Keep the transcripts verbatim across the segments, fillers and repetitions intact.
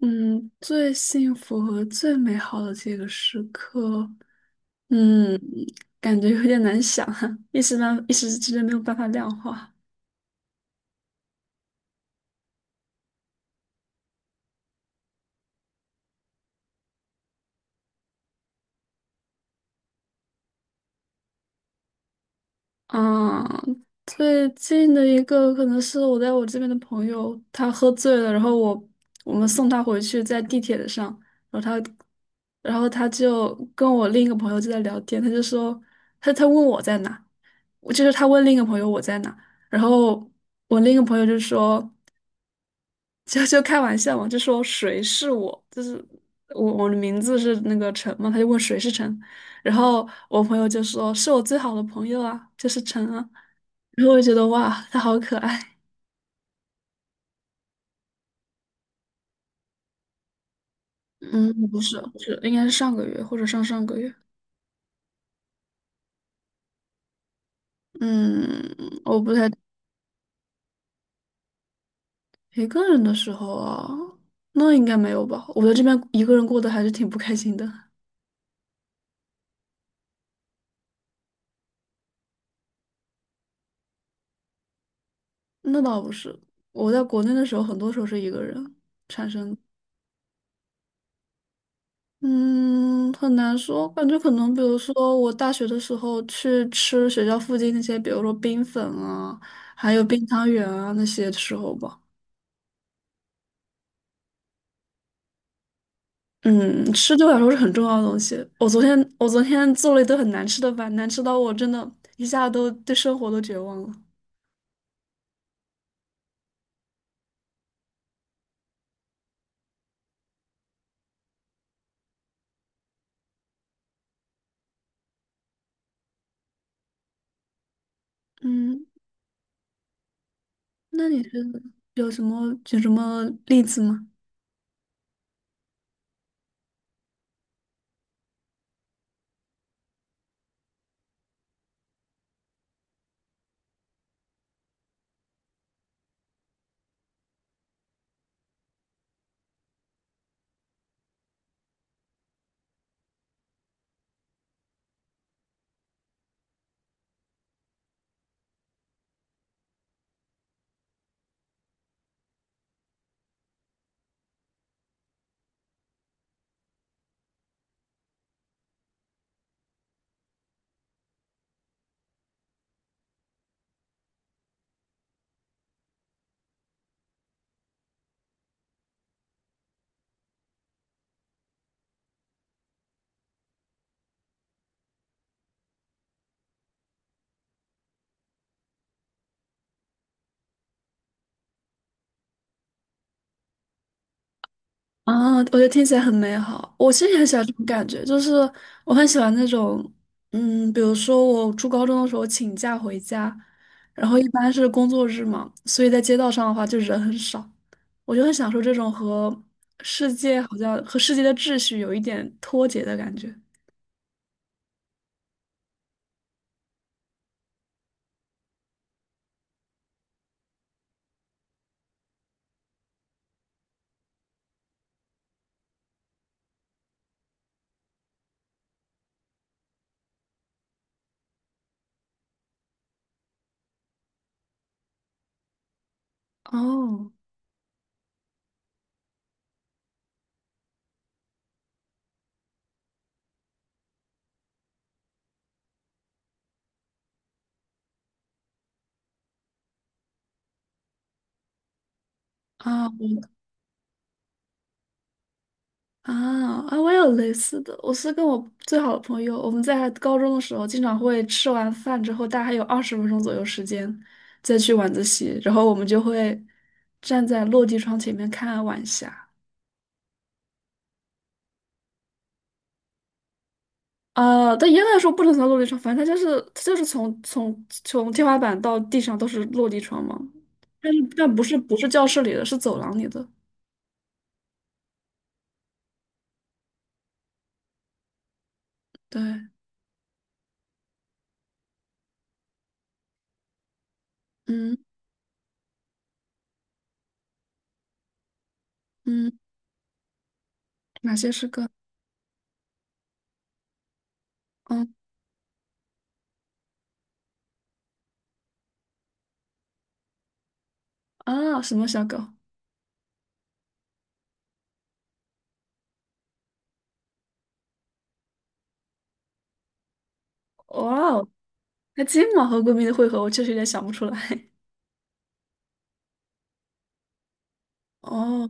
嗯，最幸福和最美好的这个时刻，嗯，感觉有点难想啊，一时半一时之间没有办法量化。嗯，最近的一个可能是我在我这边的朋友，他喝醉了，然后我我们送他回去，在地铁上，然后他，然后他就跟我另一个朋友就在聊天，他就说他他问我在哪，我就是他问另一个朋友我在哪，然后我另一个朋友就说。就就开玩笑嘛，就说谁是我，就是我我的名字是那个陈嘛，他就问谁是陈，然后我朋友就说是我最好的朋友啊，就是陈啊，然后我就觉得哇，他好可爱。嗯，不是，不是应该是上个月或者上上个月。嗯，我不太一个人的时候啊，那应该没有吧？我在这边一个人过得还是挺不开心的。那倒不是，我在国内的时候，很多时候是一个人产生。嗯，很难说，感觉可能，比如说我大学的时候去吃学校附近那些，比如说冰粉啊，还有冰汤圆啊那些的时候吧。嗯，吃对我来说是很重要的东西。我昨天我昨天做了一顿很难吃的饭，难吃到我真的一下都对生活都绝望了。嗯，那你觉得有什么举什么例子吗？啊，我觉得听起来很美好。我其实也很喜欢这种感觉，就是我很喜欢那种，嗯，比如说我初高中的时候请假回家，然后一般是工作日嘛，所以在街道上的话就人很少，我就很享受这种和世界好像和世界的秩序有一点脱节的感觉。哦，啊，我啊啊！我也有类似的，我是跟我最好的朋友，我们在高中的时候，经常会吃完饭之后，大概还有二十分钟左右时间，再去晚自习，然后我们就会站在落地窗前面看晚霞。啊，但严格来说不能算落地窗，反正它就是它就是从从从天花板到地上都是落地窗嘛，但是但不是不是教室里的，是走廊里的。对，嗯嗯，哪些是个嗯啊什么小狗？哇哦！那金毛和贵宾的汇合，我确实有点想不出来。哦，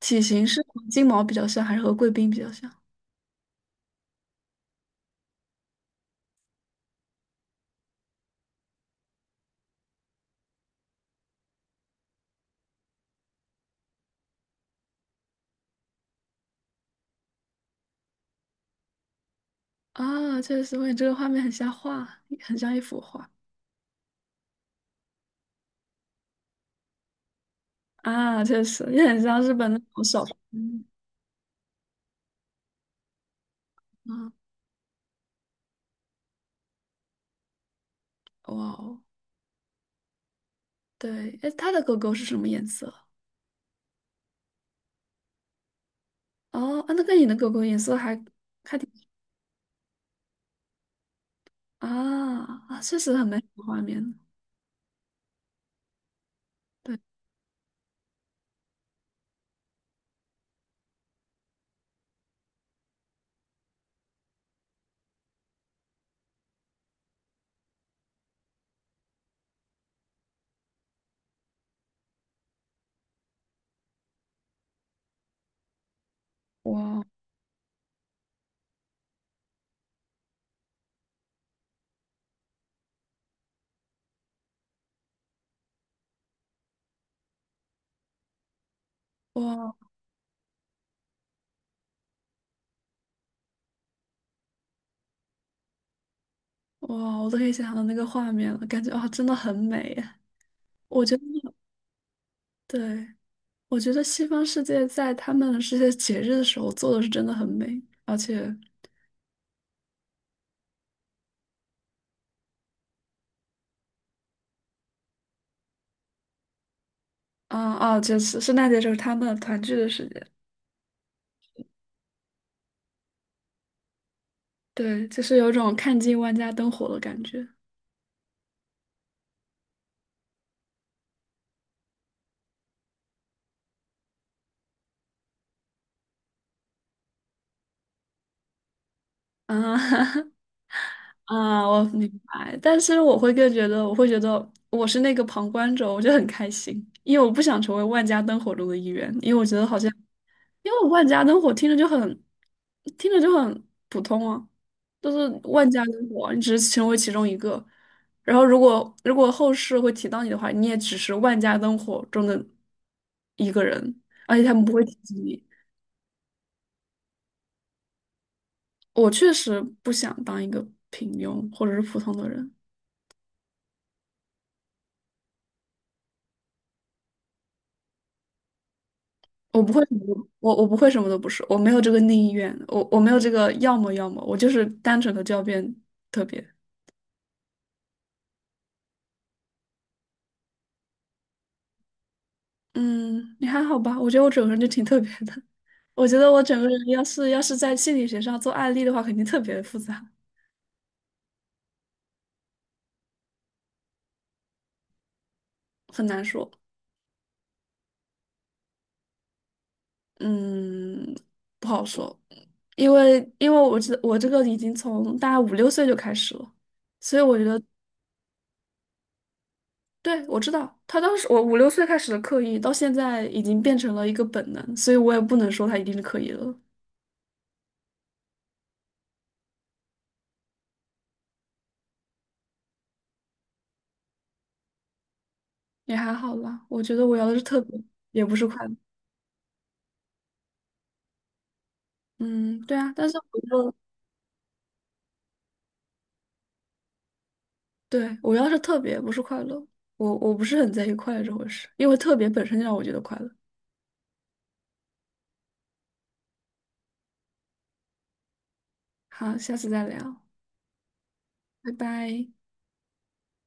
体型是和金毛比较像，还是和贵宾比较像？啊，确实，我感觉这个画面很像画，很像一幅画。啊，确实也很像日本那种小说。嗯，啊，哇哦，对，哎，它的狗狗是什么颜色？哦，啊，那个你的狗狗颜色还还挺啊啊，确实很美的画面。对，哇，哇，哇哦，我都可以想象到那个画面了，感觉啊，真的很美耶。我觉得，对。我觉得西方世界在他们这些节日的时候做的是真的很美，而且，嗯啊，就是圣诞节就是他们团聚的时间，对，就是有种看尽万家灯火的感觉。啊 啊，我明白，但是我会更觉得，我会觉得我是那个旁观者，我就很开心，因为我不想成为万家灯火中的一员，因为我觉得好像。因为万家灯火听着就很，听着就很普通啊，就是万家灯火，你只是成为其中一个。然后如果如果后世会提到你的话，你也只是万家灯火中的一个人，而且他们不会提及你。我确实不想当一个平庸或者是普通的人，我不会什么都我我不会什么都不是，我没有这个内意愿，我我没有这个要么要么，我就是单纯的就要变特别。嗯，你还好吧？我觉得我整个人就挺特别的。我觉得我整个人要是要是在心理学上做案例的话，肯定特别的复杂，很难说。嗯，不好说，因为因为我这我这个已经从大概五六岁就开始了，所以我觉得，对，我知道他当时我五六岁开始的刻意，到现在已经变成了一个本能，所以我也不能说他一定是刻意的了，也还好啦。我觉得我要的是特别，也不是快乐。嗯，对啊，但是我就对，我要是特别不是快乐，我我不是很在意快乐这回事，因为特别本身就让我觉得快乐。好，下次再聊，拜拜。